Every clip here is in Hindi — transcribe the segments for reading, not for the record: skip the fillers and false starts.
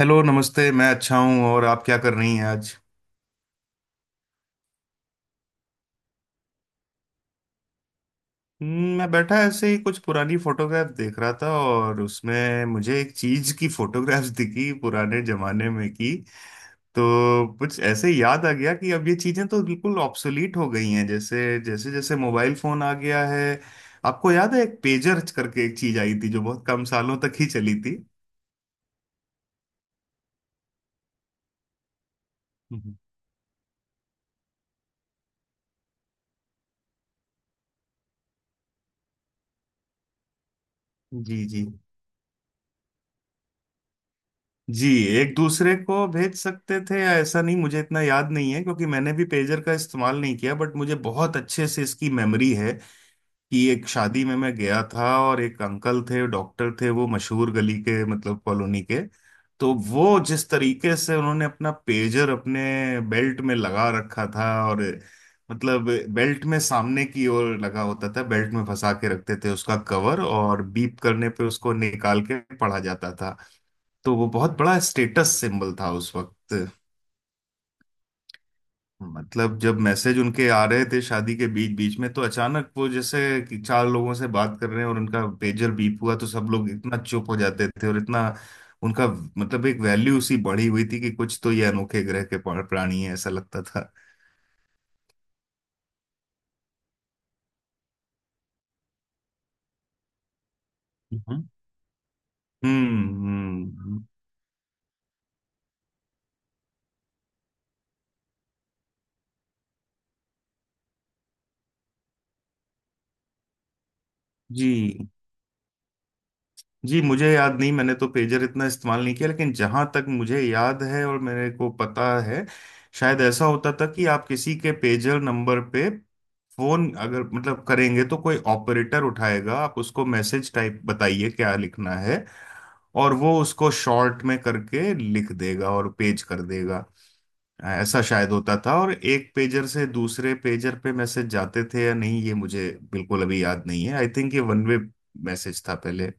हेलो नमस्ते। मैं अच्छा हूँ और आप क्या कर रही हैं आज। मैं बैठा ऐसे ही कुछ पुरानी फोटोग्राफ देख रहा था और उसमें मुझे एक चीज की फोटोग्राफ्स दिखी पुराने जमाने में की। तो कुछ ऐसे ही याद आ गया कि अब ये चीजें तो बिल्कुल ऑब्सोलीट हो गई हैं जैसे जैसे जैसे मोबाइल फोन आ गया है। आपको याद है एक पेजर करके एक चीज आई थी जो बहुत कम सालों तक ही चली थी। हम्म। जी जी। जी, एक दूसरे को भेज सकते थे या ऐसा नहीं मुझे इतना याद नहीं है, क्योंकि मैंने भी पेजर का इस्तेमाल नहीं किया बट मुझे बहुत अच्छे से इसकी मेमोरी है कि एक शादी में मैं गया था और एक अंकल थे डॉक्टर थे वो मशहूर गली के मतलब कॉलोनी के। तो वो जिस तरीके से उन्होंने अपना पेजर अपने बेल्ट में लगा रखा था और मतलब बेल्ट में सामने की ओर लगा होता था, बेल्ट में फंसा के रखते थे उसका कवर और बीप करने पे उसको निकाल के पढ़ा जाता था। तो वो बहुत बड़ा स्टेटस सिंबल था उस वक्त। मतलब जब मैसेज उनके आ रहे थे शादी के बीच बीच में तो अचानक वो जैसे कि चार लोगों से बात कर रहे हैं और उनका पेजर बीप हुआ तो सब लोग इतना चुप हो जाते थे और इतना उनका, मतलब एक वैल्यू सी बढ़ी हुई थी कि कुछ तो ये अनोखे ग्रह के प्राणी है ऐसा लगता था। हम्म। हम्म। जी जी, मुझे याद नहीं मैंने तो पेजर इतना इस्तेमाल नहीं किया, लेकिन जहां तक मुझे याद है और मेरे को पता है शायद ऐसा होता था कि आप किसी के पेजर नंबर पे फोन अगर मतलब करेंगे तो कोई ऑपरेटर उठाएगा, आप उसको मैसेज टाइप बताइए क्या लिखना है और वो उसको शॉर्ट में करके लिख देगा और पेज कर देगा। ऐसा शायद होता था और एक पेजर से दूसरे पेजर पे मैसेज जाते थे या नहीं ये मुझे बिल्कुल अभी याद नहीं है। आई थिंक ये वन वे मैसेज था पहले।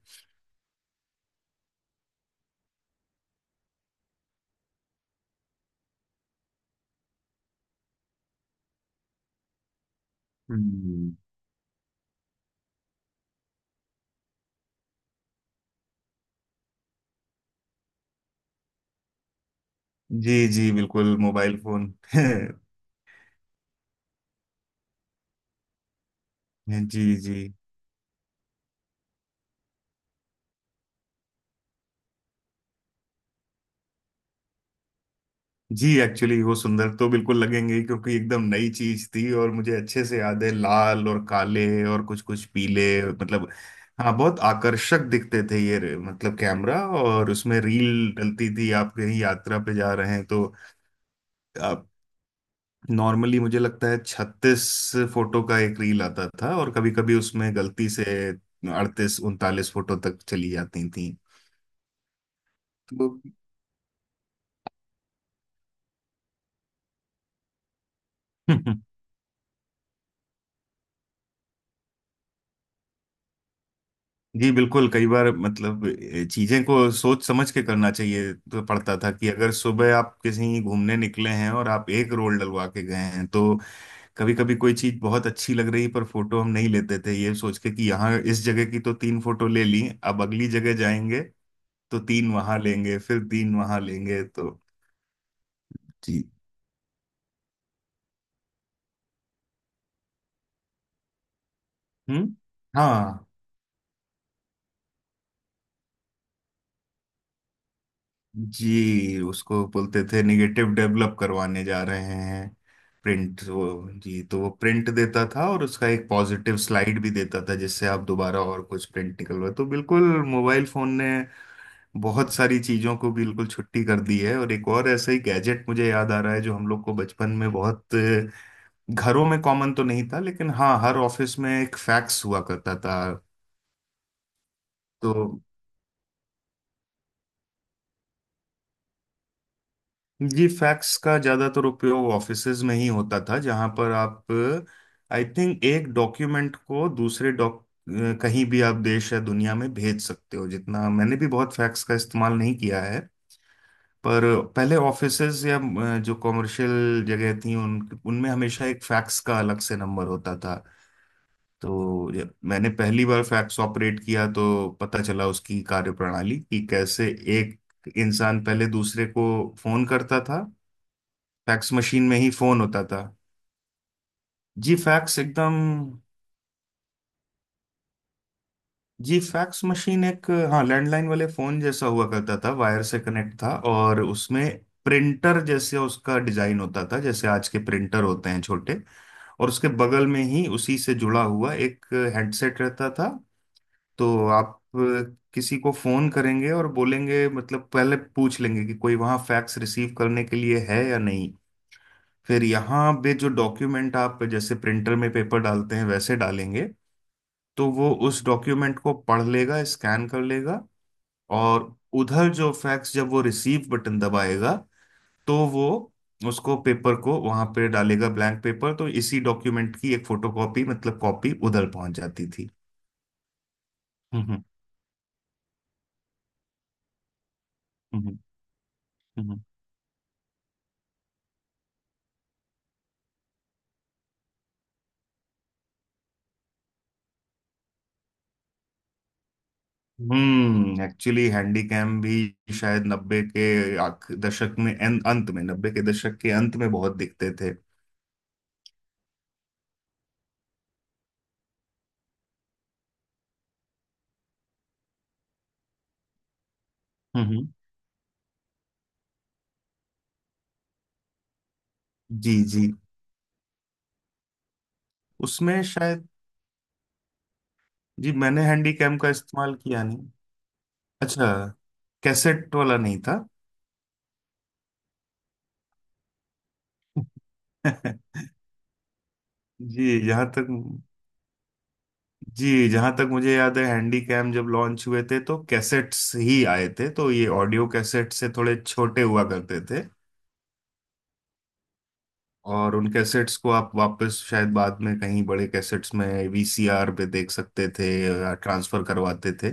हम्म। जी जी बिल्कुल मोबाइल फोन जी जी। जी एक्चुअली वो सुंदर तो बिल्कुल लगेंगे ही, क्योंकि एकदम नई चीज थी और मुझे अच्छे से याद है लाल और काले और कुछ कुछ पीले, मतलब हाँ बहुत आकर्षक दिखते थे ये मतलब कैमरा और उसमें रील डलती थी। आप कहीं यात्रा पे जा रहे हैं तो आप नॉर्मली मुझे लगता है छत्तीस फोटो का एक रील आता था और कभी कभी उसमें गलती से अड़तीस उनतालीस फोटो तक चली जाती थी। तो जी बिल्कुल कई बार मतलब चीजें को सोच समझ के करना चाहिए तो पड़ता था कि अगर सुबह आप कहीं घूमने निकले हैं और आप एक रोल डलवा के गए हैं तो कभी कभी कोई चीज बहुत अच्छी लग रही पर फोटो हम नहीं लेते थे ये सोच के कि यहाँ इस जगह की तो तीन फोटो ले ली अब अगली जगह जाएंगे तो तीन वहां लेंगे फिर तीन वहां लेंगे। तो जी। हम्म हाँ। जी उसको बोलते थे निगेटिव डेवलप करवाने जा रहे हैं, प्रिंट वो। जी तो वो प्रिंट देता था और उसका एक पॉजिटिव स्लाइड भी देता था जिससे आप दोबारा और कुछ प्रिंट निकलवा तो बिल्कुल। मोबाइल फोन ने बहुत सारी चीजों को बिल्कुल छुट्टी कर दी है और एक और ऐसा ही गैजेट मुझे याद आ रहा है जो हम लोग को बचपन में बहुत घरों में कॉमन तो नहीं था, लेकिन हाँ हर ऑफिस में एक फैक्स हुआ करता था। तो जी फैक्स का ज्यादातर उपयोग ऑफिसेज में ही होता था जहां पर आप आई थिंक एक डॉक्यूमेंट को दूसरे डॉक कहीं भी आप देश या दुनिया में भेज सकते हो। जितना मैंने भी बहुत फैक्स का इस्तेमाल नहीं किया है पर पहले ऑफिसेज या जो कॉमर्शियल जगह थी उन उनमें हमेशा एक फैक्स का अलग से नंबर होता था। तो जब मैंने पहली बार फैक्स ऑपरेट किया तो पता चला उसकी कार्यप्रणाली कि कैसे एक इंसान पहले दूसरे को फोन करता था। फैक्स मशीन में ही फोन होता था। जी फैक्स एकदम, जी फैक्स मशीन एक हाँ लैंडलाइन वाले फोन जैसा हुआ करता था, वायर से कनेक्ट था और उसमें प्रिंटर जैसे उसका डिजाइन होता था जैसे आज के प्रिंटर होते हैं छोटे और उसके बगल में ही उसी से जुड़ा हुआ एक हेडसेट रहता था। तो आप किसी को फोन करेंगे और बोलेंगे, मतलब पहले पूछ लेंगे कि कोई वहाँ फैक्स रिसीव करने के लिए है या नहीं, फिर यहाँ पे जो डॉक्यूमेंट आप जैसे प्रिंटर में पेपर डालते हैं वैसे डालेंगे तो वो उस डॉक्यूमेंट को पढ़ लेगा स्कैन कर लेगा और उधर जो फैक्स जब वो रिसीव बटन दबाएगा तो वो उसको पेपर को वहां पे डालेगा ब्लैंक पेपर तो इसी डॉक्यूमेंट की एक फोटोकॉपी मतलब कॉपी उधर पहुंच जाती थी। हम्म। हम्म। हम्म। एक्चुअली हैंडीकैम भी शायद नब्बे के दशक में अंत में, नब्बे के दशक के अंत में बहुत दिखते थे। हम्म। जी जी। उसमें शायद जी मैंने हैंडीकैम का इस्तेमाल किया नहीं। अच्छा, कैसेट वाला नहीं था। जी जहाँ तक जी जहाँ तक मुझे याद है हैंडीकैम जब लॉन्च हुए थे तो कैसेट्स ही आए थे, तो ये ऑडियो कैसेट से थोड़े छोटे हुआ करते थे। और उन कैसेट्स को आप वापस शायद बाद में कहीं बड़े कैसेट्स में वीसीआर पे देख सकते थे या ट्रांसफर करवाते थे।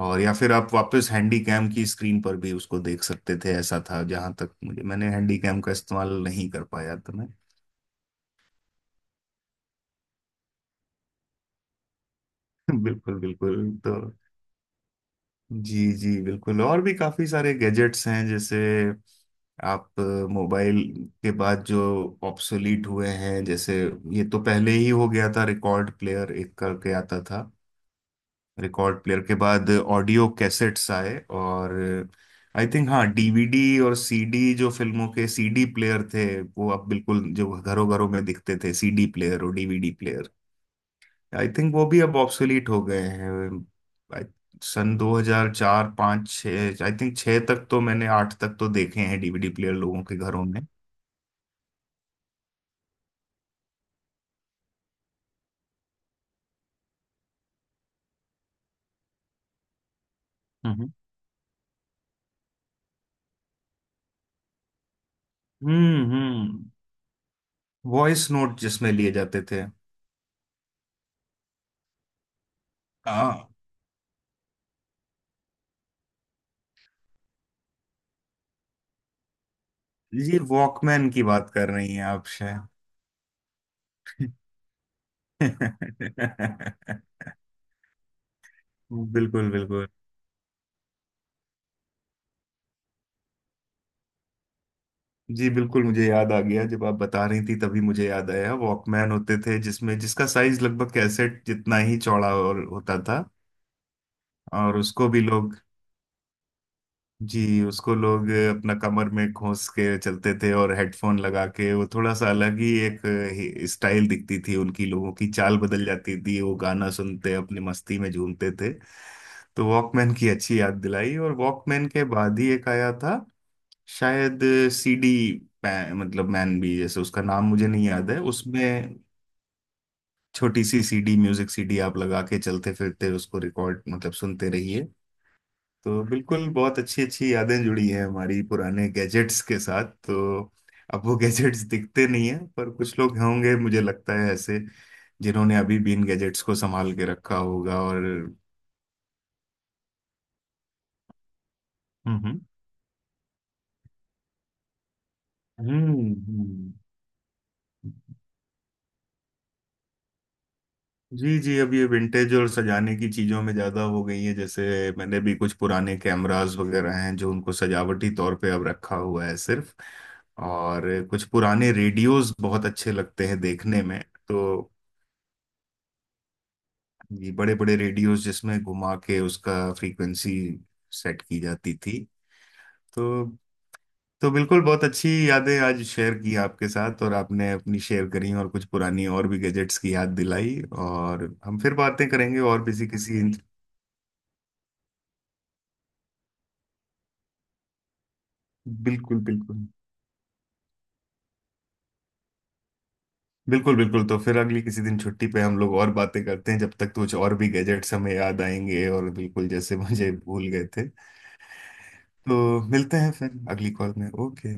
और या फिर आप वापस हैंडी कैम की स्क्रीन पर भी उसको देख सकते थे, ऐसा था जहां तक मुझे मैंने हैंडी कैम का इस्तेमाल नहीं कर पाया तो मैं बिल्कुल बिल्कुल। तो जी जी बिल्कुल और भी काफी सारे गैजेट्स हैं जैसे आप मोबाइल के बाद जो ऑब्सोलीट हुए हैं जैसे ये तो पहले ही हो गया था रिकॉर्ड प्लेयर एक करके आता था। रिकॉर्ड प्लेयर के बाद ऑडियो कैसेट्स आए और आई थिंक हाँ डीवीडी और सीडी, जो फिल्मों के सीडी प्लेयर थे वो अब बिल्कुल, जो घरों घरों में दिखते थे सीडी प्लेयर और डीवीडी प्लेयर आई थिंक वो भी अब ऑब्सोलीट हो गए हैं। I- सन 2004 5 6 आई थिंक 6 तक तो मैंने 8 तक तो देखे हैं डीवीडी प्लेयर लोगों के घरों में। हम्म हम्म। वॉइस नोट जिसमें लिए जाते थे। हाँ ये वॉकमैन की बात कर रही हैं आप शायद। बिल्कुल बिल्कुल। जी बिल्कुल मुझे याद आ गया, जब आप बता रही थी तभी मुझे याद आया वॉकमैन होते थे जिसमें जिसका साइज लगभग कैसेट जितना ही चौड़ा और होता था। और उसको भी लोग, जी उसको लोग अपना कमर में घोंस के चलते थे और हेडफोन लगा के वो थोड़ा सा अलग ही एक स्टाइल दिखती थी उनकी, लोगों की चाल बदल जाती थी, वो गाना सुनते अपनी मस्ती में झूमते थे। तो वॉकमैन की अच्छी याद दिलाई और वॉकमैन के बाद ही एक आया था शायद सीडी मतलब मैन भी जैसे उसका नाम मुझे नहीं याद है, उसमें छोटी सी सीडी म्यूजिक सीडी आप लगा के चलते फिरते उसको रिकॉर्ड मतलब सुनते रहिए। तो बिल्कुल बहुत अच्छी अच्छी यादें जुड़ी हैं हमारी पुराने गैजेट्स के साथ। तो अब वो गैजेट्स दिखते नहीं है पर कुछ लोग होंगे मुझे लगता है ऐसे जिन्होंने अभी भी इन गैजेट्स को संभाल के रखा होगा और हम्म। हम्म। हम्म। हम्म। जी जी अब ये विंटेज और सजाने की चीजों में ज्यादा हो गई है। जैसे मैंने भी कुछ पुराने कैमरास वगैरह हैं जो उनको सजावटी तौर पे अब रखा हुआ है सिर्फ। और कुछ पुराने रेडियोस बहुत अच्छे लगते हैं देखने में। तो ये बड़े बड़े रेडियोस जिसमें घुमा के उसका फ्रीक्वेंसी सेट की जाती थी। तो तो बिल्कुल बहुत अच्छी यादें आज शेयर की आपके साथ और आपने अपनी शेयर करी और कुछ पुरानी और भी गैजेट्स की याद दिलाई और हम फिर बातें करेंगे और किसी किसी बिल्कुल बिल्कुल बिल्कुल बिल्कुल। तो फिर अगली किसी दिन छुट्टी पे हम लोग और बातें करते हैं जब तक कुछ और भी गैजेट्स हमें याद आएंगे और बिल्कुल जैसे मुझे भूल गए थे। तो मिलते हैं फिर अगली कॉल में। ओके।